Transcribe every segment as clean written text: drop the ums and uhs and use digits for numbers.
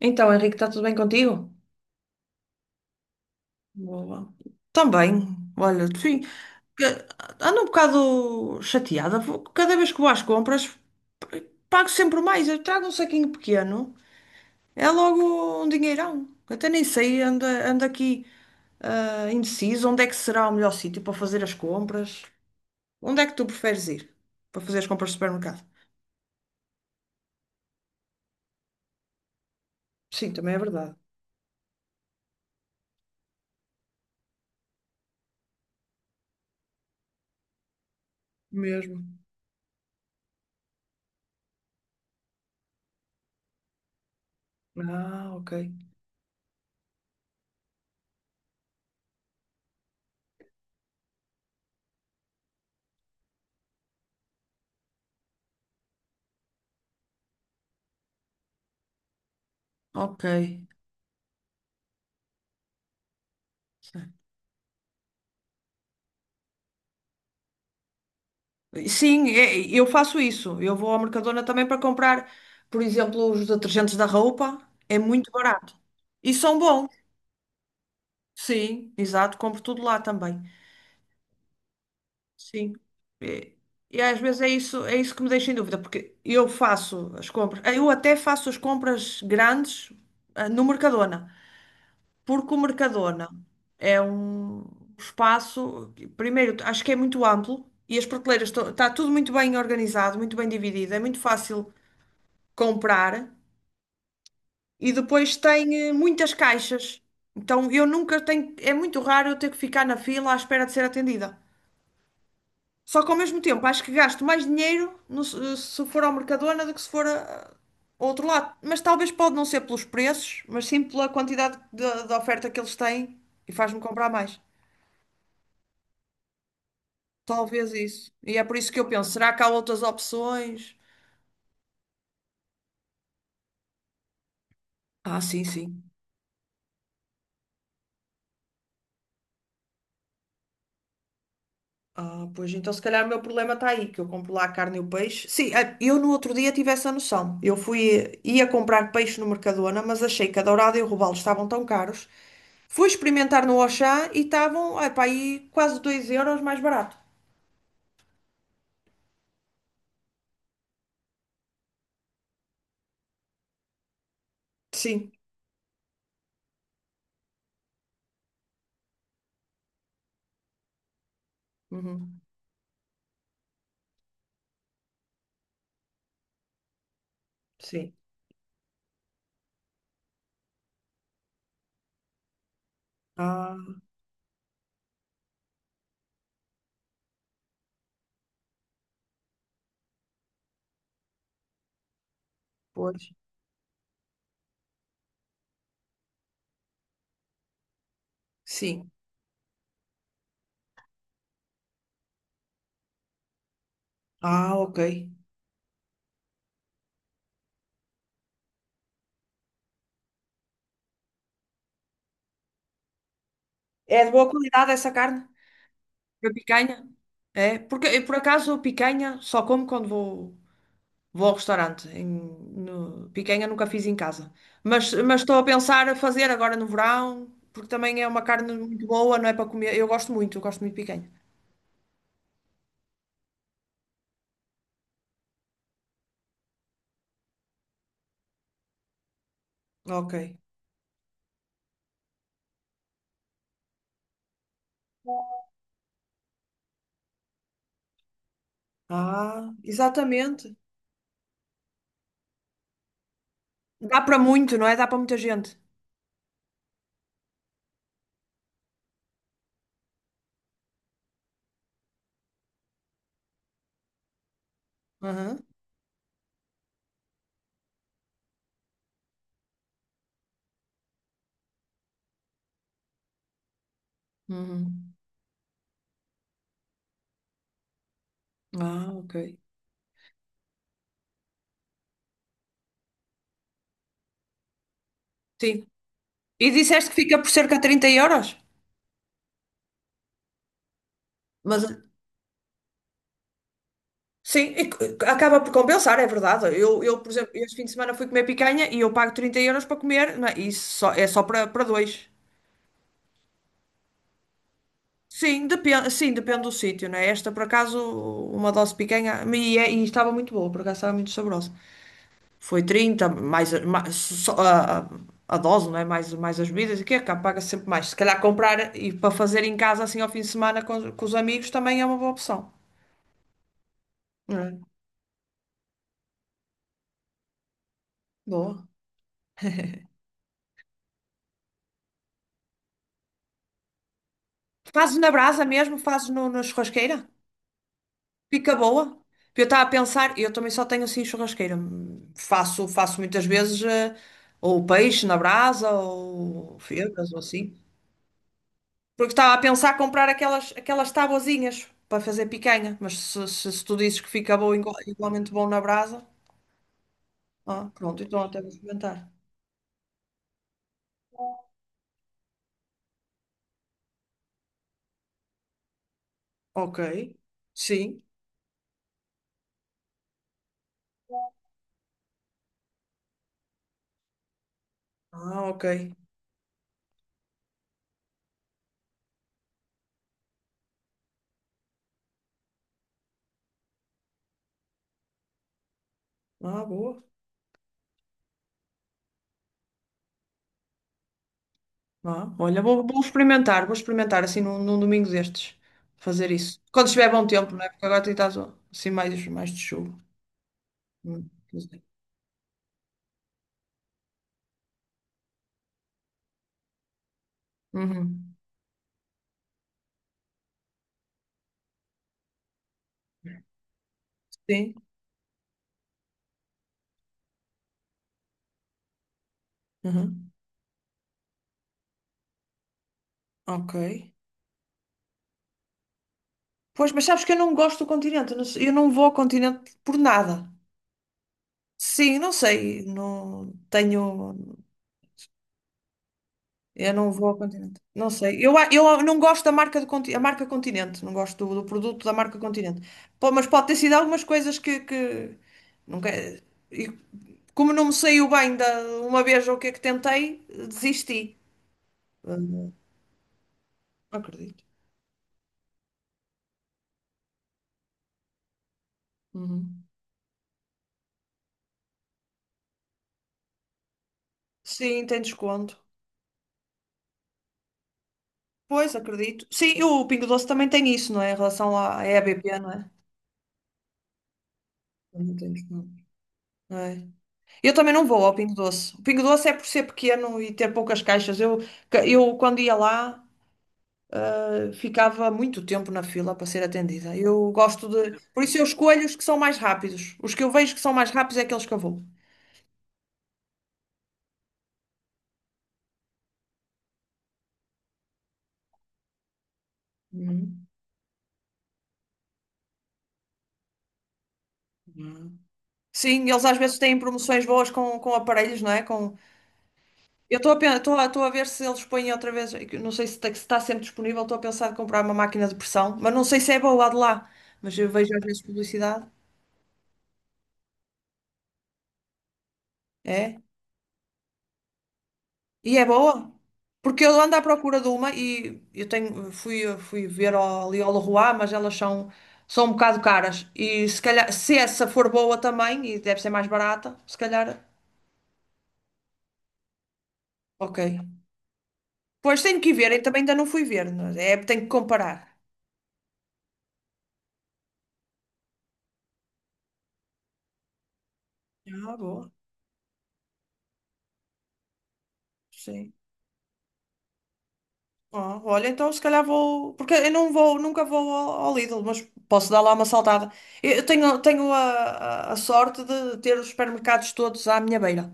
Então, Henrique, está tudo bem contigo? Boa. Também. Olha, sim, que- ando um bocado chateada. Cada vez que vou às compras, p- pago sempre mais. Eu trago um saquinho pequeno, é logo um dinheirão. Até nem sei, ando aqui indeciso onde é que será o melhor sítio para fazer as compras. Onde é que tu preferes ir para fazer as compras de supermercado? Sim, também é verdade. Mesmo. Ah, ok. Ok. Sim, eu faço isso. Eu vou ao Mercadona também para comprar, por exemplo, os detergentes da roupa. É muito barato. E são bons. Sim, exato. Compro tudo lá também. Sim. E, e às vezes é isso que me deixa em dúvida, porque eu faço as compras. Eu até faço as compras grandes no Mercadona, porque o Mercadona é um espaço, que, primeiro, acho que é muito amplo. E as prateleiras, está tudo muito bem organizado, muito bem dividido. É muito fácil comprar e depois tem muitas caixas. Então eu nunca tenho, é muito raro eu ter que ficar na fila à espera de ser atendida. Só que ao mesmo tempo acho que gasto mais dinheiro se for ao Mercadona do que se for ao outro lado. Mas talvez pode não ser pelos preços, mas sim pela quantidade de oferta que eles têm e faz-me comprar mais. Talvez isso. E é por isso que eu penso, será que há outras opções? Ah, sim, sim. Ah, pois então se calhar o meu problema está aí, que eu compro lá a carne e o peixe. Sim, eu no outro dia tive essa noção. Eu fui, ia comprar peixe no Mercadona, mas achei que a dourada e o robalo estavam tão caros. Fui experimentar no Auchan e estavam, ai pá, aí quase 2 euros mais barato. Sim. Uhum. Sim. Ah, pois. Sim. Ah, ok. É de boa qualidade essa carne? A picanha? É, porque eu, por acaso a picanha só como quando vou ao restaurante. Picanha nunca fiz em casa. Mas estou a pensar a fazer agora no verão, porque também é uma carne muito boa, não é para comer. Eu gosto muito de picanha. Ok. Ah, exatamente. Dá para muito, não é? Dá para muita gente. Aham. Uhum. Ah, ok. Sim. E disseste que fica por cerca de 30 euros? Mas sim, e acaba por compensar, é verdade. Eu, por exemplo, este fim de semana fui comer picanha e eu pago 30 euros para comer, não é? E isso só, é só para dois. Sim, depende do sítio, né? Esta, por acaso, uma dose de picanha, e estava muito boa, por acaso estava muito saborosa. Foi 30 mais, só a dose, não é? Mais, mais as bebidas, e que é cá, paga sempre mais. Se calhar comprar e para fazer em casa, assim, ao fim de semana com os amigos, também é uma boa opção. É, boa. Fazes na brasa mesmo? Fazes no, na churrasqueira? Fica boa. Eu estava a pensar, eu também só tenho assim churrasqueira. Faço muitas vezes ou peixe na brasa ou febras ou assim. Porque estava a pensar comprar aquelas tabuazinhas para fazer picanha. Mas se tu dizes que fica bom, igualmente bom na brasa, pronto, então até vou experimentar. Ok. Sim. Ah, ok. Ah, boa. Vá, olha, vou experimentar, vou experimentar assim num domingo destes, fazer isso. Quando estiver bom tempo, não é? Porque agora está assim mais, mais de chuva. Não sei. Uhum. Sim. Uhum. Ok. Pois, mas sabes que eu não gosto do continente, eu não vou ao continente por nada. Sim, não sei, não tenho. Eu não vou ao continente. Não sei. Eu não gosto da marca, a marca Continente. Não gosto do produto da marca Continente. Pô, mas pode ter sido algumas coisas que... Nunca... Como não me saiu bem da uma vez o que é que tentei, desisti. Hum, não acredito. Uhum. Sim, tem desconto. Pois, acredito. Sim, e o Pingo Doce também tem isso, não é? Em relação à EBP, não é? Eu. Não tem desconto. É. Eu também não vou ao Pingo Doce. O Pingo Doce é por ser pequeno e ter poucas caixas. Eu quando ia lá, ficava muito tempo na fila para ser atendida. Eu gosto de. Por isso eu escolho os que são mais rápidos. Os que eu vejo que são mais rápidos é aqueles que eu vou. Uhum. Sim, eles às vezes têm promoções boas com aparelhos, não é? Com... Eu estou a, pen- estou a, estou a ver se eles põem outra vez. Eu não sei se está, sempre disponível. Estou a pensar em comprar uma máquina de pressão, mas não sei se é boa lá de lá. Mas eu vejo às vezes publicidade. É? E é boa? Porque eu ando à procura de uma e eu tenho, fui ver ali ao Leroy, mas elas são um bocado caras. E se calhar, se essa for boa também, e deve ser mais barata, se calhar. Ok. Pois tenho que ir ver, eu também ainda não fui ver. Não É, tenho que comparar. Ah, boa. Sim. Ah, olha, então se calhar vou. Porque eu não vou, nunca vou ao Lidl, mas posso dar lá uma saltada. Eu tenho a sorte de ter os supermercados todos à minha beira.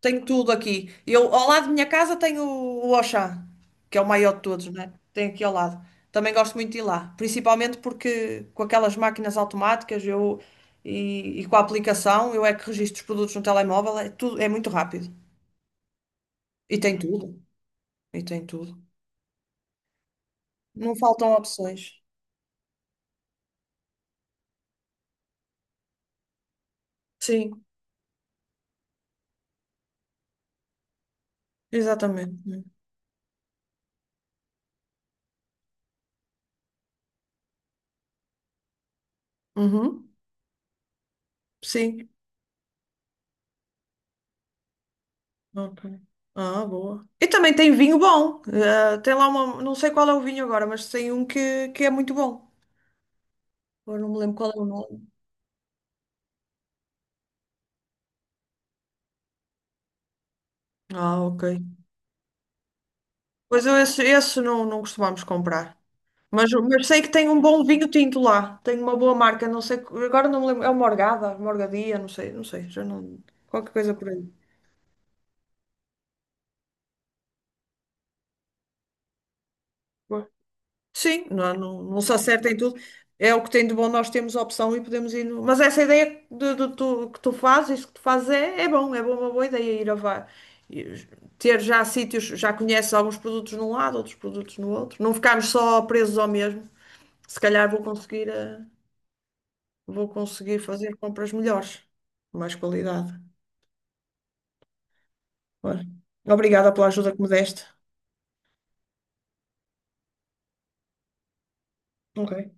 Tenho tudo aqui. Eu, ao lado da minha casa tenho o Auchan, que é o maior de todos, né? Tem aqui ao lado. Também gosto muito de ir lá, principalmente porque com aquelas máquinas automáticas eu, e com a aplicação eu é que registro os produtos no telemóvel, é tudo, é muito rápido. E tem tudo. E tem tudo. Não faltam opções. Sim, exatamente. Uhum. Sim. Ok. Ah, boa. E também tem vinho bom. Tem lá uma. Não sei qual é o vinho agora, mas tem um que é muito bom. Agora não me lembro qual é o nome. Ah, ok. Pois eu, esse não, não costumamos comprar. Mas sei que tem um bom vinho tinto lá. Tem uma boa marca. Não sei. Agora não me lembro. É uma Morgada, Morgadia, não sei. Não sei. Já não. Qualquer coisa por aí. Sim, não, não, não se acerta em tudo. É o que tem de bom, nós temos opção e podemos ir. Mas essa ideia de que tu fazes, isso que tu fazes é bom, é bom, uma boa ideia ir ir- ter já sítios, já conheces alguns produtos num lado, outros produtos no outro. Não ficarmos só presos ao mesmo. Se calhar vou conseguir, vou conseguir fazer compras melhores, de mais qualidade. Olha, obrigada pela ajuda que me deste. Ok.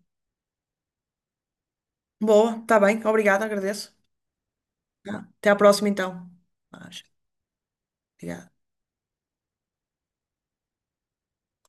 Boa, está bem, obrigada, agradeço. Tá. Até à próxima então. Acho. Obrigada.